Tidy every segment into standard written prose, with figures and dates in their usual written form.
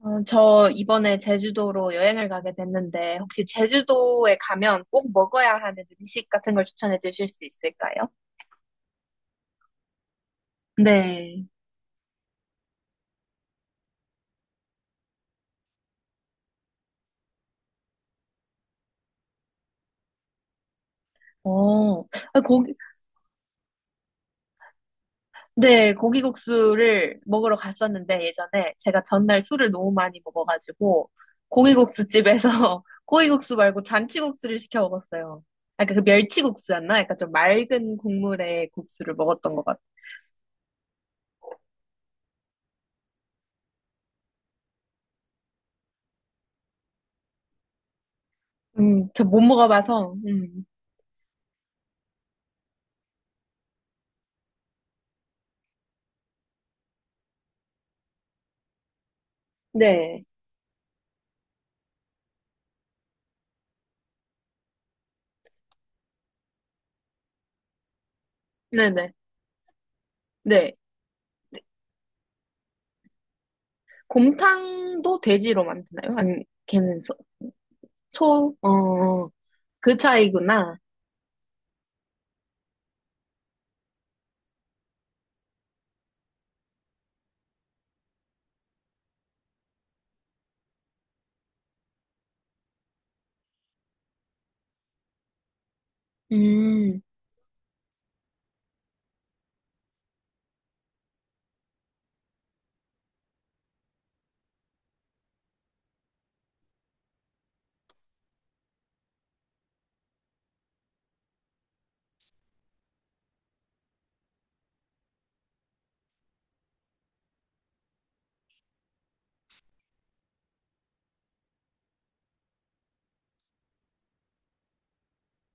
저 이번에 제주도로 여행을 가게 됐는데, 혹시 제주도에 가면 꼭 먹어야 하는 음식 같은 걸 추천해 주실 수 있을까요? 네. 어, 아, 고기, 네, 고기국수를 먹으러 갔었는데, 예전에 제가 전날 술을 너무 많이 먹어가지고, 고기국수 집에서 고기국수 말고 잔치국수를 시켜 먹었어요. 약간 그 멸치국수였나? 약간 좀 맑은 국물의 국수를 먹었던 것 같아요. 저 못 먹어봐서. 네. 네네. 네. 곰탕도 돼지로 만드나요? 아니, 걔는 소, 소? 그 차이구나. 음,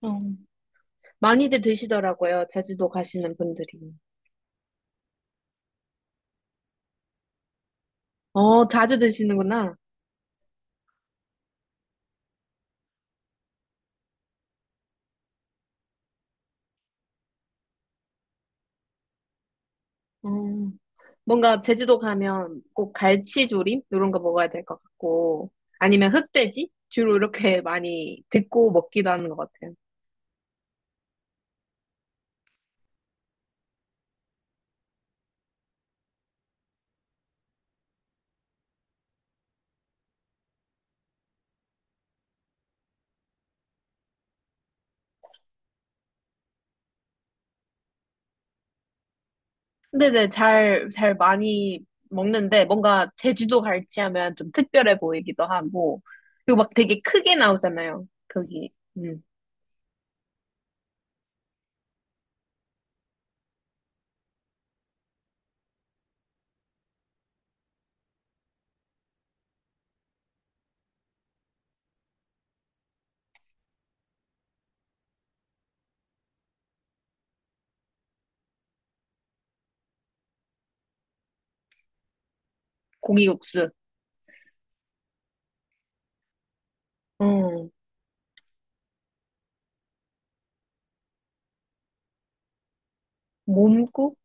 어. 많이들 드시더라고요. 제주도 가시는 분들이. 어, 자주 드시는구나. 어, 뭔가 제주도 가면 꼭 갈치조림? 이런 거 먹어야 될 것 같고, 아니면 흑돼지? 주로 이렇게 많이 듣고 먹기도 하는 것 같아요. 네네, 잘 많이 먹는데, 뭔가 제주도 갈치 하면 좀 특별해 보이기도 하고, 그리고 막 되게 크게 나오잖아요. 거기, 음, 고기국수. 음, 몸국?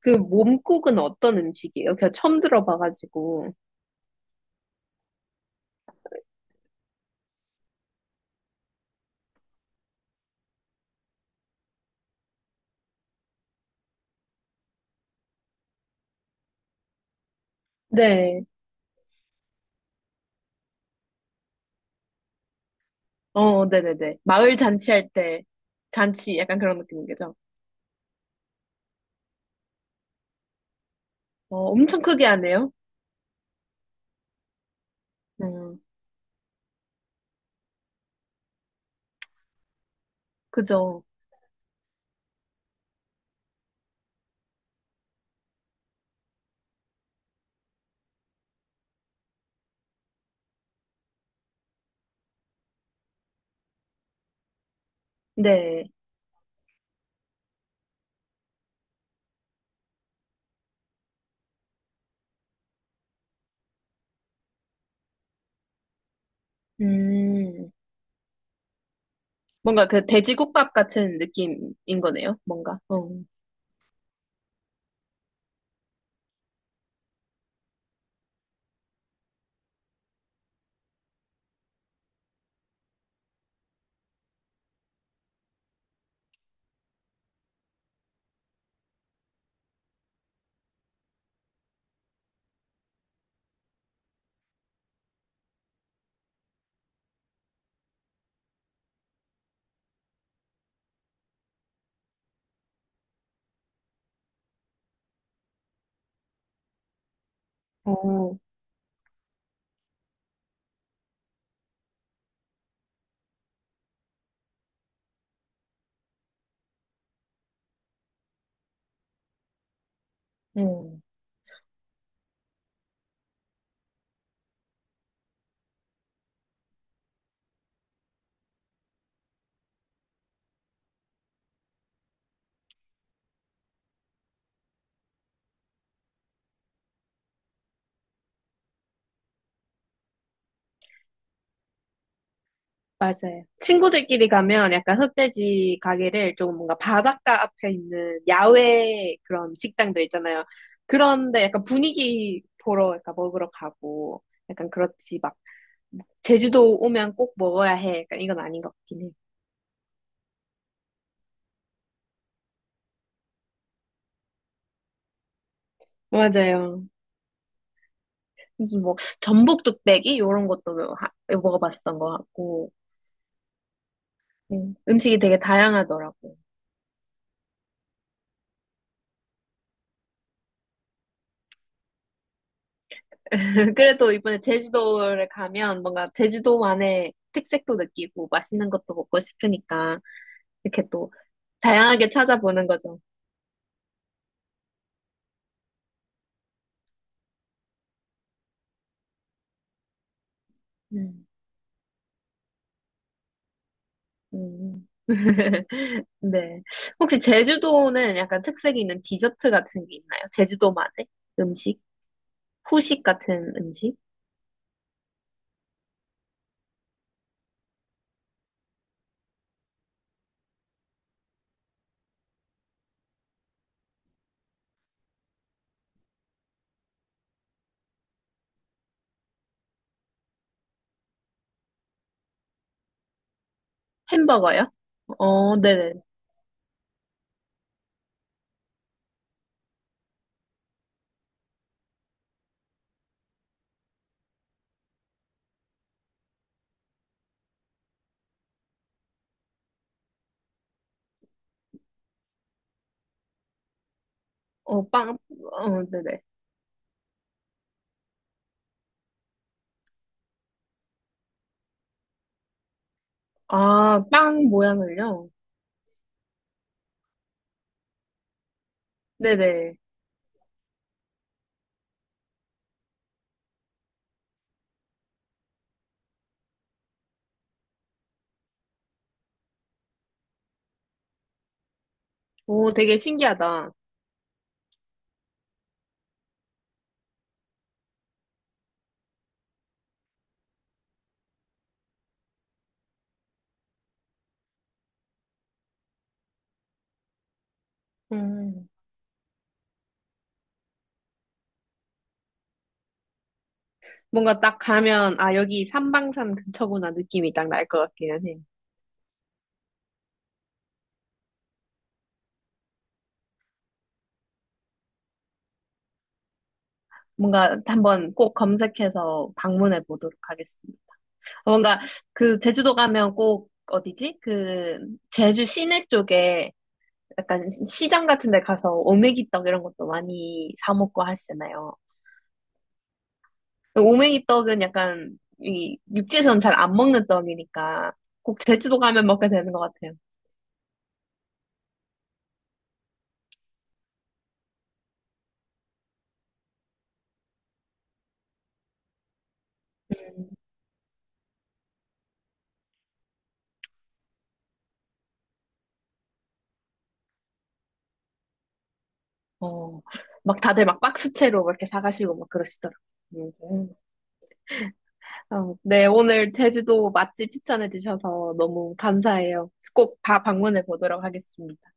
그 몸국은 어떤 음식이에요? 제가 처음 들어봐가지고. 네, 네네네. 마을 잔치할 때, 잔치 약간 그런 느낌인 거죠? 어, 엄청 크게 하네요. 음, 그죠. 네. 음, 뭔가 그 돼지국밥 같은 느낌인 거네요, 뭔가. 어. 어, 음, 맞아요. 친구들끼리 가면 약간 흑돼지 가게를 좀 뭔가 바닷가 앞에 있는 야외 그런 식당들 있잖아요. 그런데 약간 분위기 보러 약간 먹으러 가고 약간 그렇지 막 제주도 오면 꼭 먹어야 해. 약간 이건 아닌 것 같긴 해요. 맞아요. 무슨 뭐 전복 뚝배기 이런 것도 먹어봤던 것 같고 음식이 되게 다양하더라고요. 그래도 이번에 제주도를 가면 뭔가 제주도만의 특색도 느끼고 맛있는 것도 먹고 싶으니까 이렇게 또 다양하게 찾아보는 거죠. 음. 음. 네. 혹시 제주도는 약간 특색이 있는 디저트 같은 게 있나요? 제주도만의 음식? 후식 같은 음식? 햄버거요? 어, 네네. 빵, 어, 네네. 아, 빵 모양을요? 네네. 오, 되게 신기하다. 음... 뭔가 딱 가면, 아, 여기 삼방산 근처구나 느낌이 딱 날 것 같기는 해. 뭔가 한번 꼭 검색해서 방문해 보도록 하겠습니다. 뭔가 그 제주도 가면 꼭 어디지? 그 제주 시내 쪽에 약간 시장 같은 데 가서 오메기떡 이런 것도 많이 사 먹고 하시잖아요. 오메기떡은 약간 이 육지에서는 잘 안 먹는 떡이니까 꼭 제주도 가면 먹게 되는 것 같아요. 음. 어, 막 다들 막 박스채로 막 이렇게 사가시고 막 그러시더라고요. 음. 어, 네, 오늘 제주도 맛집 추천해 주셔서 너무 감사해요. 꼭 다 방문해 보도록 하겠습니다.